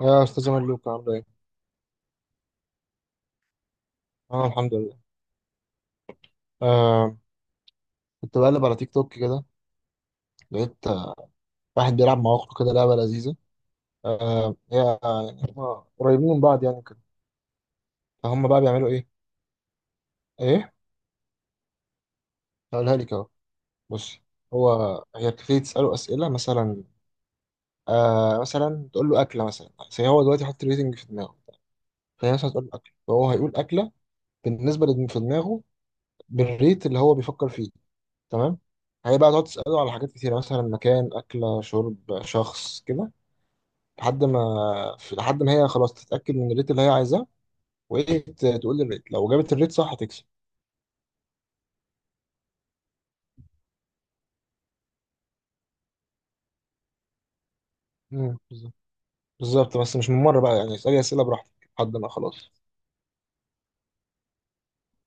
يا استاذ ملوك عامل ايه؟ انا الحمد لله. آه. كنت بقلب على تيك توك كده. لقيت واحد بيلعب مع اخته كده لعبه لذيذه. آه، هي، يعني هم قريبين من بعض يعني كده. فهم بقى بيعملوا ايه؟ ايه؟ هقولها لك اهو. بصي. هو هي بتبتدي تساله اسئله مثلا. مثلا تقول له اكله، مثلا زي هو دلوقتي حاطط ريتنج في دماغه. فهي مثلا تقول له اكله، فهو هيقول اكله بالنسبه للي في دماغه، بالريت اللي هو بيفكر فيه. تمام؟ هي بقى تقعد تساله على حاجات كتيره، مثلا مكان، اكله، شرب، شخص كده، لحد ما لحد ما هي خلاص تتأكد من الريت اللي هي عايزاه. وهي تقول لي الريت. لو جابت الريت صح هتكسب. بالظبط. بالظبط، بس مش من مرة بقى يعني. اسألي أسئلة براحتك لحد ما خلاص.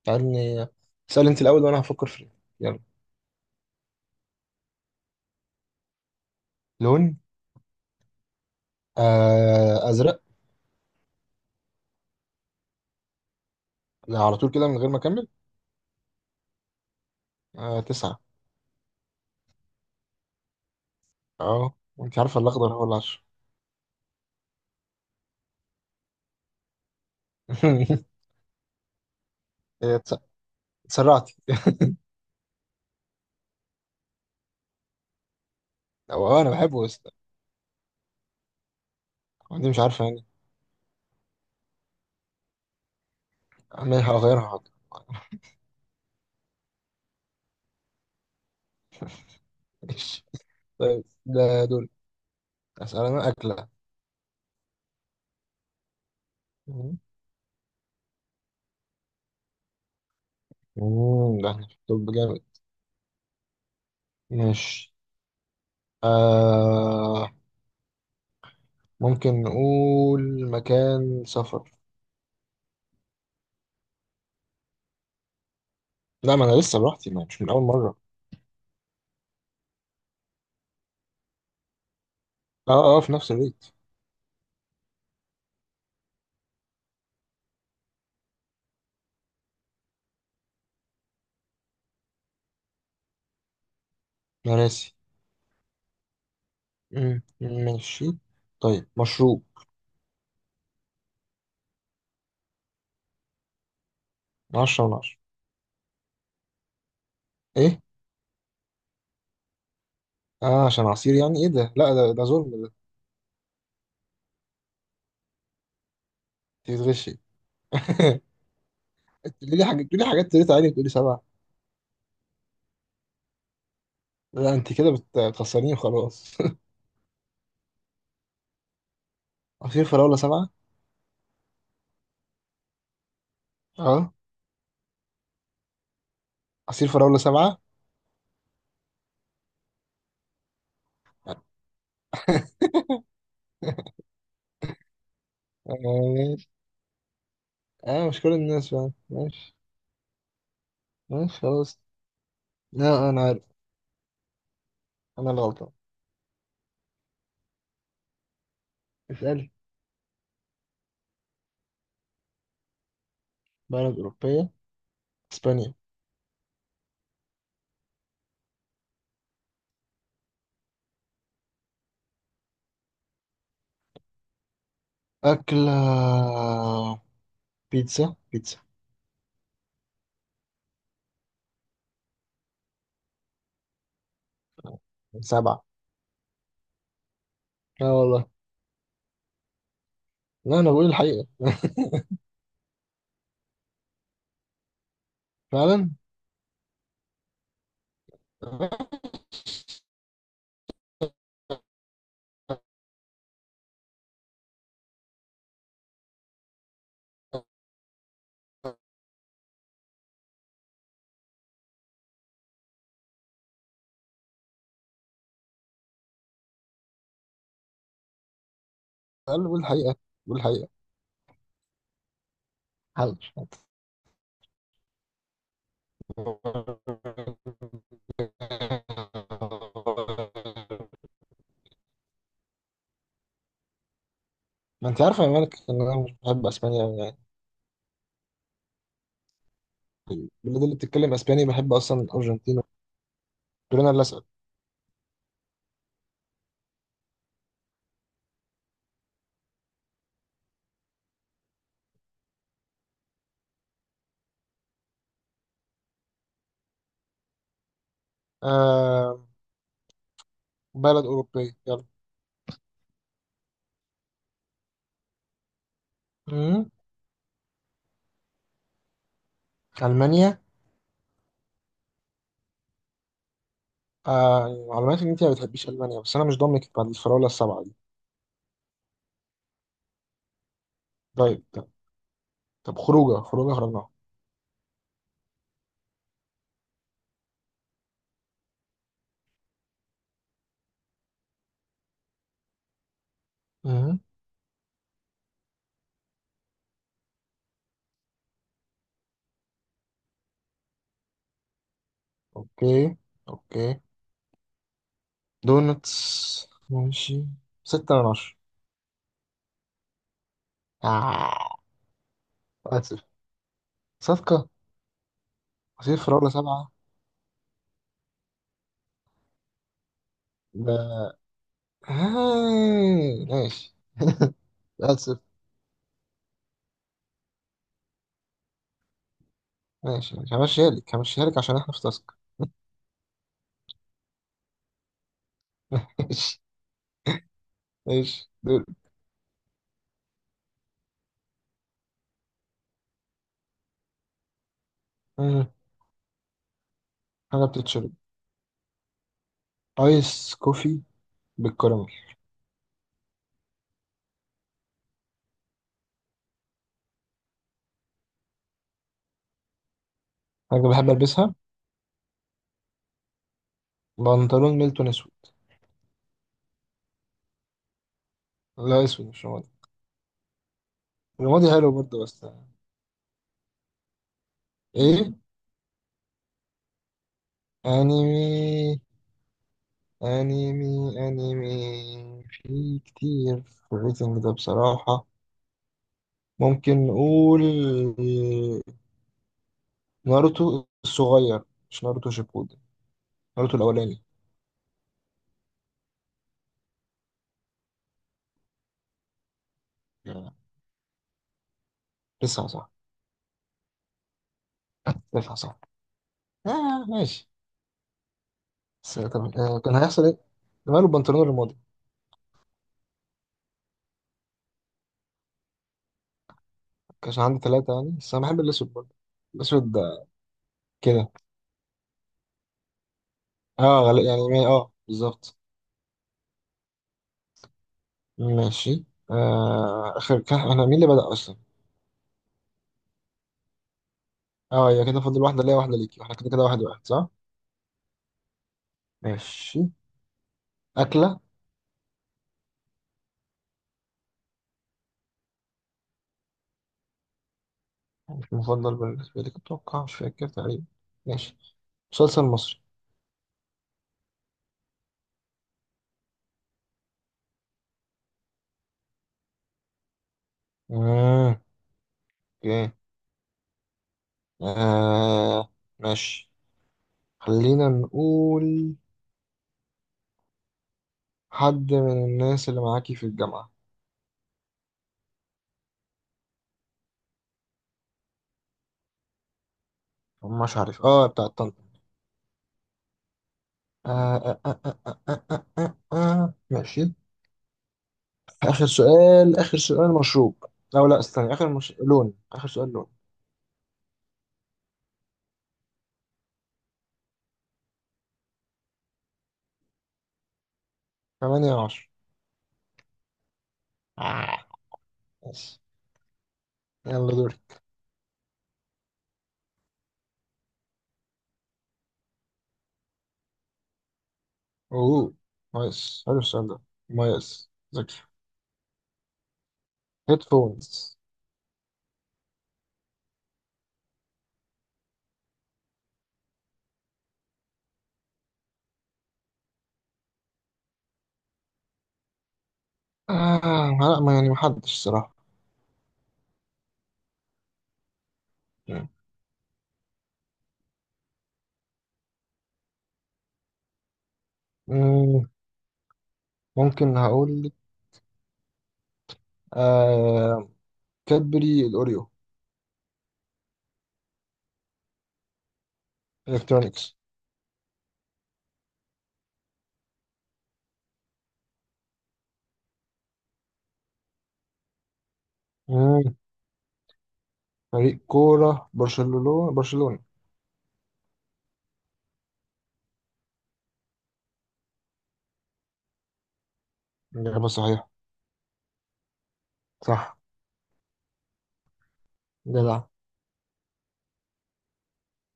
اسألني. اسألي أنت الأول وأنا هفكر في الريت. يلا. لون. آه، أزرق. لا، على طول كده من غير ما أكمل. آه، تسعة. أه، وأنت عارفة الأخضر هو 10. إيه، اتسرعتي. أو أنا بحبه بس. أنت مش عارفة يعني. أنا هغيرها، حاضر. ماشي. طيب، ده دول. أسأل أنا. أكلة. مم، ده احنا في الطب جامد. ماشي. آه، ممكن نقول مكان سفر. لا، ما انا لسه براحتي، ما مش من اول مرة. اه اه، في نفس الريت. انا راسي. مم، ماشي. طيب، مشروب. من عشرة من عشرة. ايه. اه عشان عصير يعني، ايه ده؟ لا، ده ظلم ده. انت بتغشي. تقولي لي حاجة، تقولي لي حاجات تريت عالي وتقولي سبعة. لا، انت كده بتخسريني وخلاص. عصير فراولة سبعة. اه، عصير فراولة سبعة. اه، مش كل الناس فاهم، ماشي. ماشي خلاص. لا، انا عارف. انا اللي غلطان. اسألي. بلد أوروبية. اسبانيا. أكلة. بيتزا بيتزا. سبعة. لا والله. لا، انا بقول الحقيقة. فعلا. قال بقول الحقيقة. بقول الحقيقة. حاضر. ما انت عارفة يا مالك ان انا مش بحب اسبانيا أوي يعني. البلاد اللي بتتكلم اسباني بحب اصلا الارجنتين. دول انا اللي اسال. آه، بلد أوروبية، يلا. مم. ألمانيا. آه، معلوماتي إن أنت ما بتحبيش ألمانيا، بس أنا مش ضامنك بعد الفراولة السبعة دي. طيب طب, طب خروجة خرجناها. مم. أوكي، أوكي. دونتس، ماشي. 6/10. آه. آسف. صفقة. عصير فراولة سبعة. ده. آه. ماشي. آسف. ماشي، ماشي. همشيها لك، همشيها لك عشان إحنا في تاسك. ماشي. ماشي، دول. مم. حاجة بتتشرب. آيس كوفي بالكراميل. حاجة بحب ألبسها. بنطلون ميلتون أسود. لا، أسود مش رمادي. رمادي حلو برضه بس. إيه. أنيمي. أنيمي، أنيمي في كتير في الريتنج ده بصراحة. ممكن نقول ناروتو الصغير، مش ناروتو شيبودن. ناروتو الأولاني. لسه صح. لسه صح. آه، ماشي. بس طب، كان هيحصل إيه؟ ماله البنطلون الرمادي؟ كانش عندي ثلاثة يعني، بس أنا بحب الأسود برضه. الأسود ده كده. اه، غالي يعني، بالظبط. ماشي. آه، آخر كح، احنا مين اللي بدأ أصلا؟ اه، هي كده فاضل واحدة ليا واحدة ليكي، واحنا كده كده واحد واحد، صح؟ ماشي. أكلة. مش مفضل بالنسبة لك أتوقع، مش فاكر تقريبا. ماشي. مسلسل مصري. مم. اوكي. آه، ماشي. خلينا نقول حد من الناس اللي معاكي في الجامعة. مش عارف، بتاع طنطا. آه آه آه آه آه آه آه آه. آه، ماشي. آخر سؤال، آخر سؤال، مشروب. أو لا، استنى، آخر مش... لون. آخر سؤال، لون. 8/10. آه. ماشي. يلا، دوري. اوه. نايس، حلو السؤال ده. مميز، ذكي. هيدفونز. آه، لا، ما يعني محدش صراحة. مم. ممكن هقول لك. آه. كادبري الأوريو. إلكترونيكس. مم. فريق كورة. برشلونة، برشلونة. إجابة صحيحة. صح. جدع.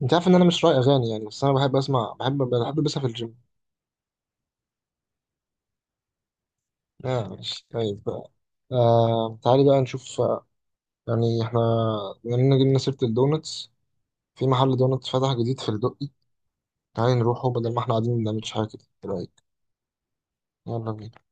أنت عارف إن أنا مش رأي أغاني يعني، بس أنا بحب أسمع. بحب ألبسها في الجيم. آه، ماشي طيب بقى. آه، تعالي بقى نشوف. يعني احنا بما اننا جبنا سيرة الدونتس، في محل دونتس فتح جديد في الدقي. تعالي نروحه بدل ما احنا قاعدين ما بنعملش حاجة كده. ايه رأيك؟ يلا بينا.